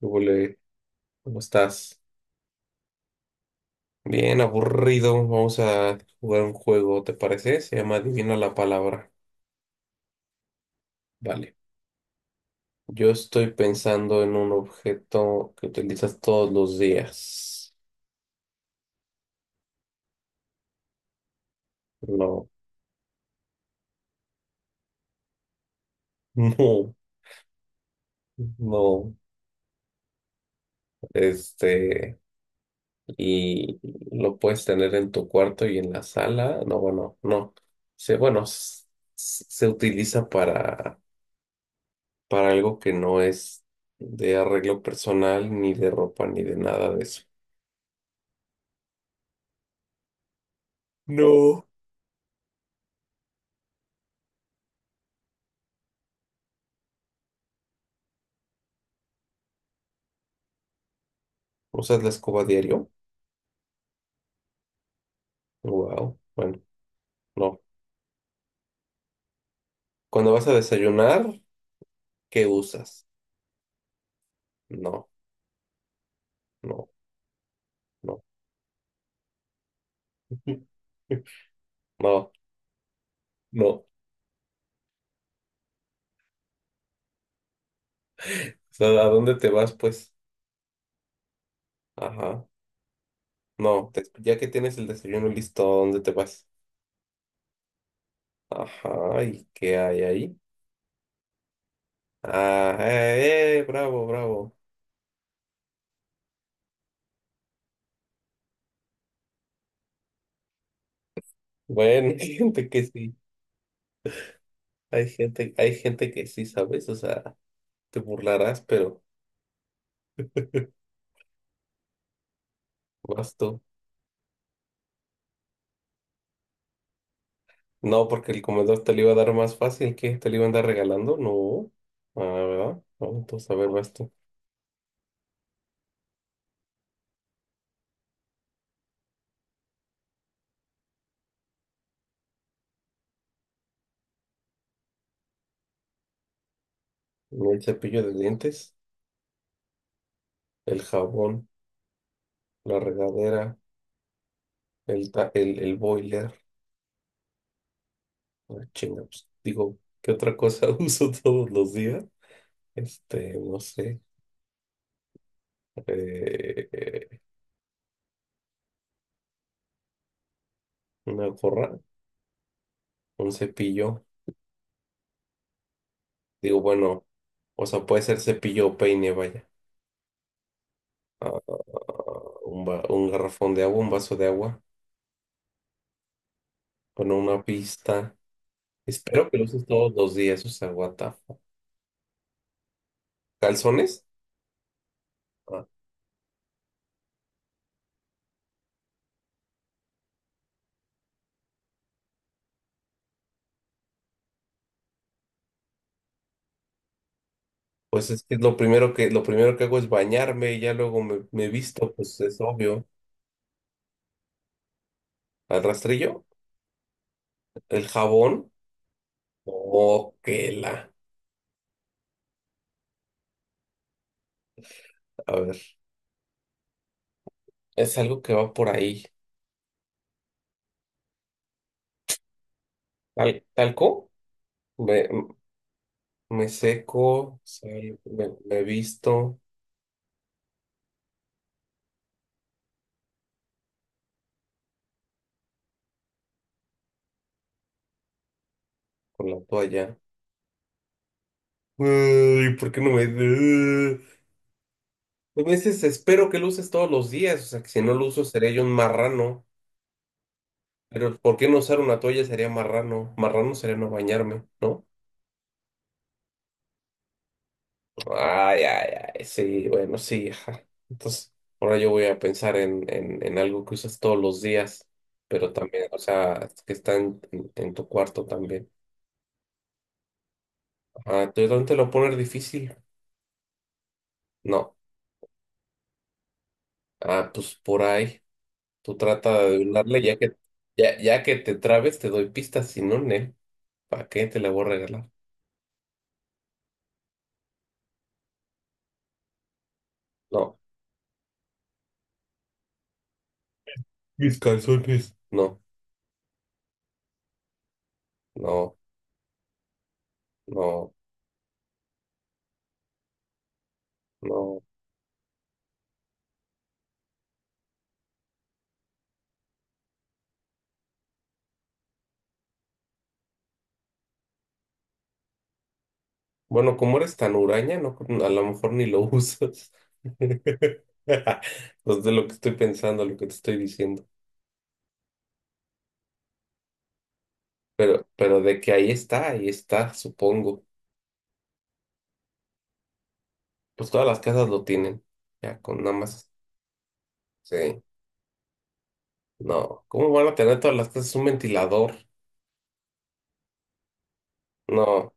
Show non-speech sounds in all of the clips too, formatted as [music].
Hola, ¿cómo estás? Bien, aburrido. Vamos a jugar un juego, ¿te parece? Se llama Adivina la palabra. Vale. Yo estoy pensando en un objeto que utilizas todos los días. No, [laughs] no, no. Este, y lo puedes tener en tu cuarto y en la sala. No, bueno, no. Se, bueno, s- s- se utiliza para algo que no es de arreglo personal, ni de ropa, ni de nada de eso. No. ¿Usas la escoba diario? Wow. Bueno, no. Cuando vas a desayunar, ¿qué usas? No, no, no. [laughs] No, no. O sea, ¿a dónde te vas, pues? Ajá. No, ya que tienes el desayuno listo, ¿a dónde te vas? Ajá, ¿y qué hay ahí? Ah, bravo, bravo. Bueno, [laughs] hay gente que sí. Hay gente que sí, ¿sabes? O sea, te burlarás, pero [laughs] vas tú. No, porque el comedor te lo iba a dar más fácil que te lo iba a andar regalando. No. Ah, ¿verdad? No, entonces, a ver, va esto. El cepillo de dientes, el jabón, la regadera, el boiler. Ah, chinga, pues, digo, ¿qué otra cosa [laughs] uso todos los días? Este, no sé. eh, una gorra, un cepillo. Digo, bueno, o sea, puede ser cepillo o peine, vaya. Ah, un garrafón de agua, un vaso de agua. Bueno, una pista. Espero que lo uses todos los días, o sea, what the fuck. ¿Calzones? Ah, pues es que lo primero que hago es bañarme y ya luego me visto, pues es obvio. ¿Al rastrillo? ¿El jabón? Oh, que la. A ver, es algo que va por ahí. ¿Talco? Me, Me seco, me visto con la toalla. Ay, ¿por qué no me... No me dices, espero que lo uses todos los días, o sea, que si no lo uso seré yo un marrano. Pero ¿por qué no usar una toalla sería marrano? Marrano sería no bañarme, ¿no? Ay, ay, ay, sí, bueno, sí, ajá. Entonces, ahora yo voy a pensar en algo que usas todos los días, pero también, o sea, que está en tu cuarto también. Ah, ¿tú dónde te lo poner difícil? No. Ah, pues por ahí. Tú trata de adivinarle, ya que, ya que te trabes, te doy pistas, si no, ne, ¿para qué te la voy a regalar? No. Mis calzones. No, no, no, no. Bueno, como eres tan huraña, no, a lo mejor ni lo usas. [laughs] Pues de lo que estoy pensando, lo que te estoy diciendo. Pero de que ahí está, supongo. Pues todas las casas lo tienen. Ya, con nada más. Sí. No. ¿Cómo van a tener todas las casas un ventilador? No,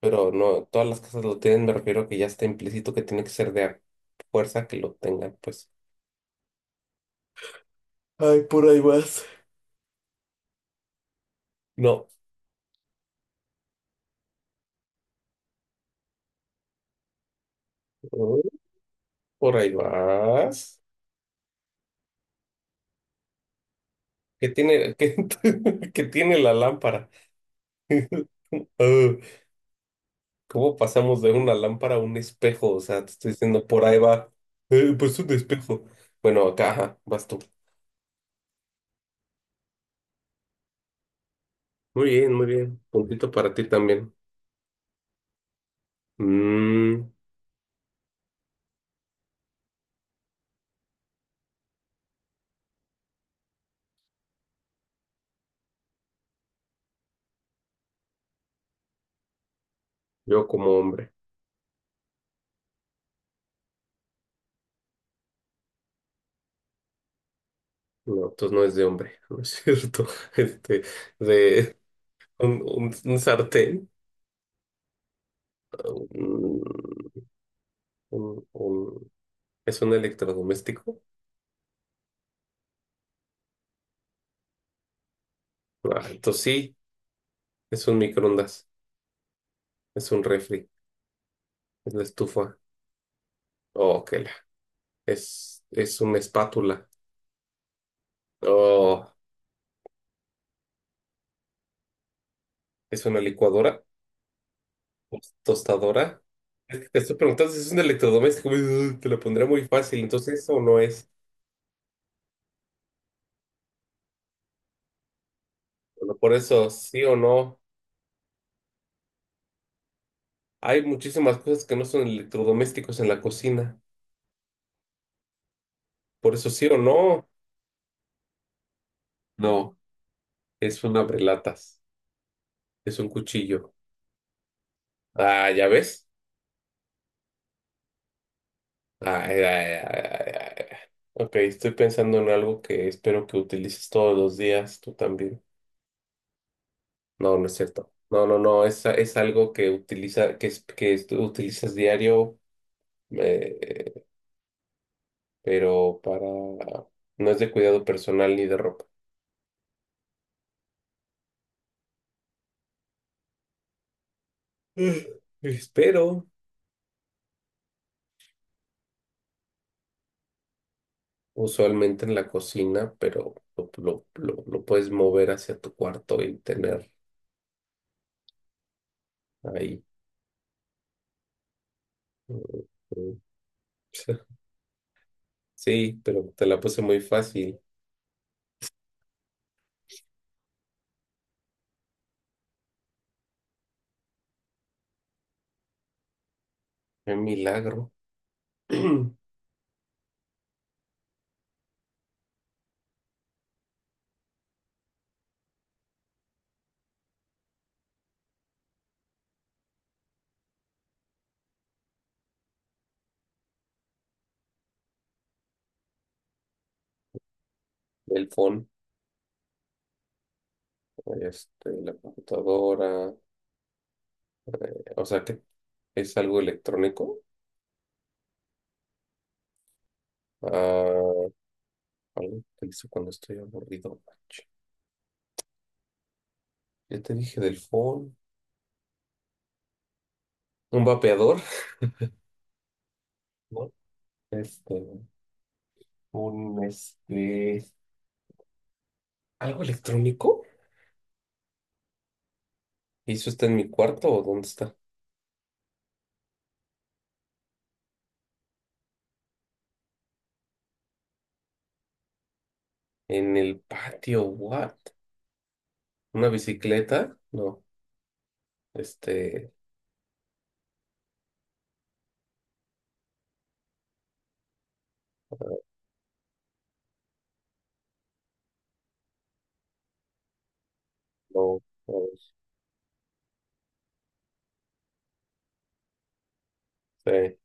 pero no, todas las casas lo tienen, me refiero a que ya está implícito que tiene que ser de a fuerza que lo tengan, pues. Ay, por ahí vas. No. Por ahí vas. que tiene, que, [laughs] que tiene la lámpara. [laughs] Ah, ¿cómo pasamos de una lámpara a un espejo? O sea, te estoy diciendo, por ahí va. Pues un espejo. Bueno, acá, ajá, vas tú. Muy bien, muy bien. Puntito para ti también. Mm, yo como hombre. No, entonces no es de hombre, [laughs] no es cierto. [laughs] Este, de un sartén. un- un- un- ¿Es un electrodoméstico? Ah, entonces sí, es un microondas, es un refri. Es una estufa. Oh, que la. Es una espátula. Oh, es una licuadora. Pues, tostadora. Es que te estoy preguntando si es un electrodoméstico. [laughs] Te lo pondré muy fácil. Entonces, eso o no es. Bueno, por eso, sí o no. Hay muchísimas cosas que no son electrodomésticos en la cocina. Por eso, sí o no. No, es un abrelatas. Es un cuchillo. Ah, ¿ya ves? Ay, ay, ay, ay, ay. Ok, estoy pensando en algo que espero que utilices todos los días, tú también. No, no es cierto. No, no, no, es algo que utiliza, que es- tú utilizas diario, eh, pero no es de cuidado personal ni de ropa. Mm. Espero, [laughs] usualmente en la cocina, pero lo puedes mover hacia tu cuarto y tener ahí. Mm, mm. [laughs] Sí, pero te la puse muy fácil. Qué milagro. [clears throat] El phone, este, la computadora. O sea que es algo electrónico. Ah, algo que hizo cuando estoy aburrido. Ya te dije del phone. Un vapeador. [laughs] ¿No? Este, un este. ¿Algo electrónico? ¿Y eso está en mi cuarto o dónde está? En el patio, what? ¿Una bicicleta? No. Este. No, no sé.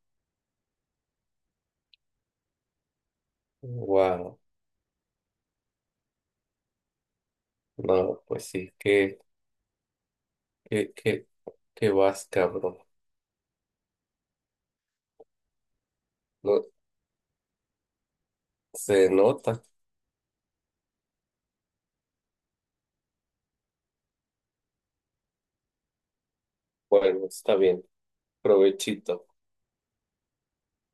Wow. No, pues sí. Qué, qué, qué vas, cabrón. No, se nota. Bueno, está bien. Provechito.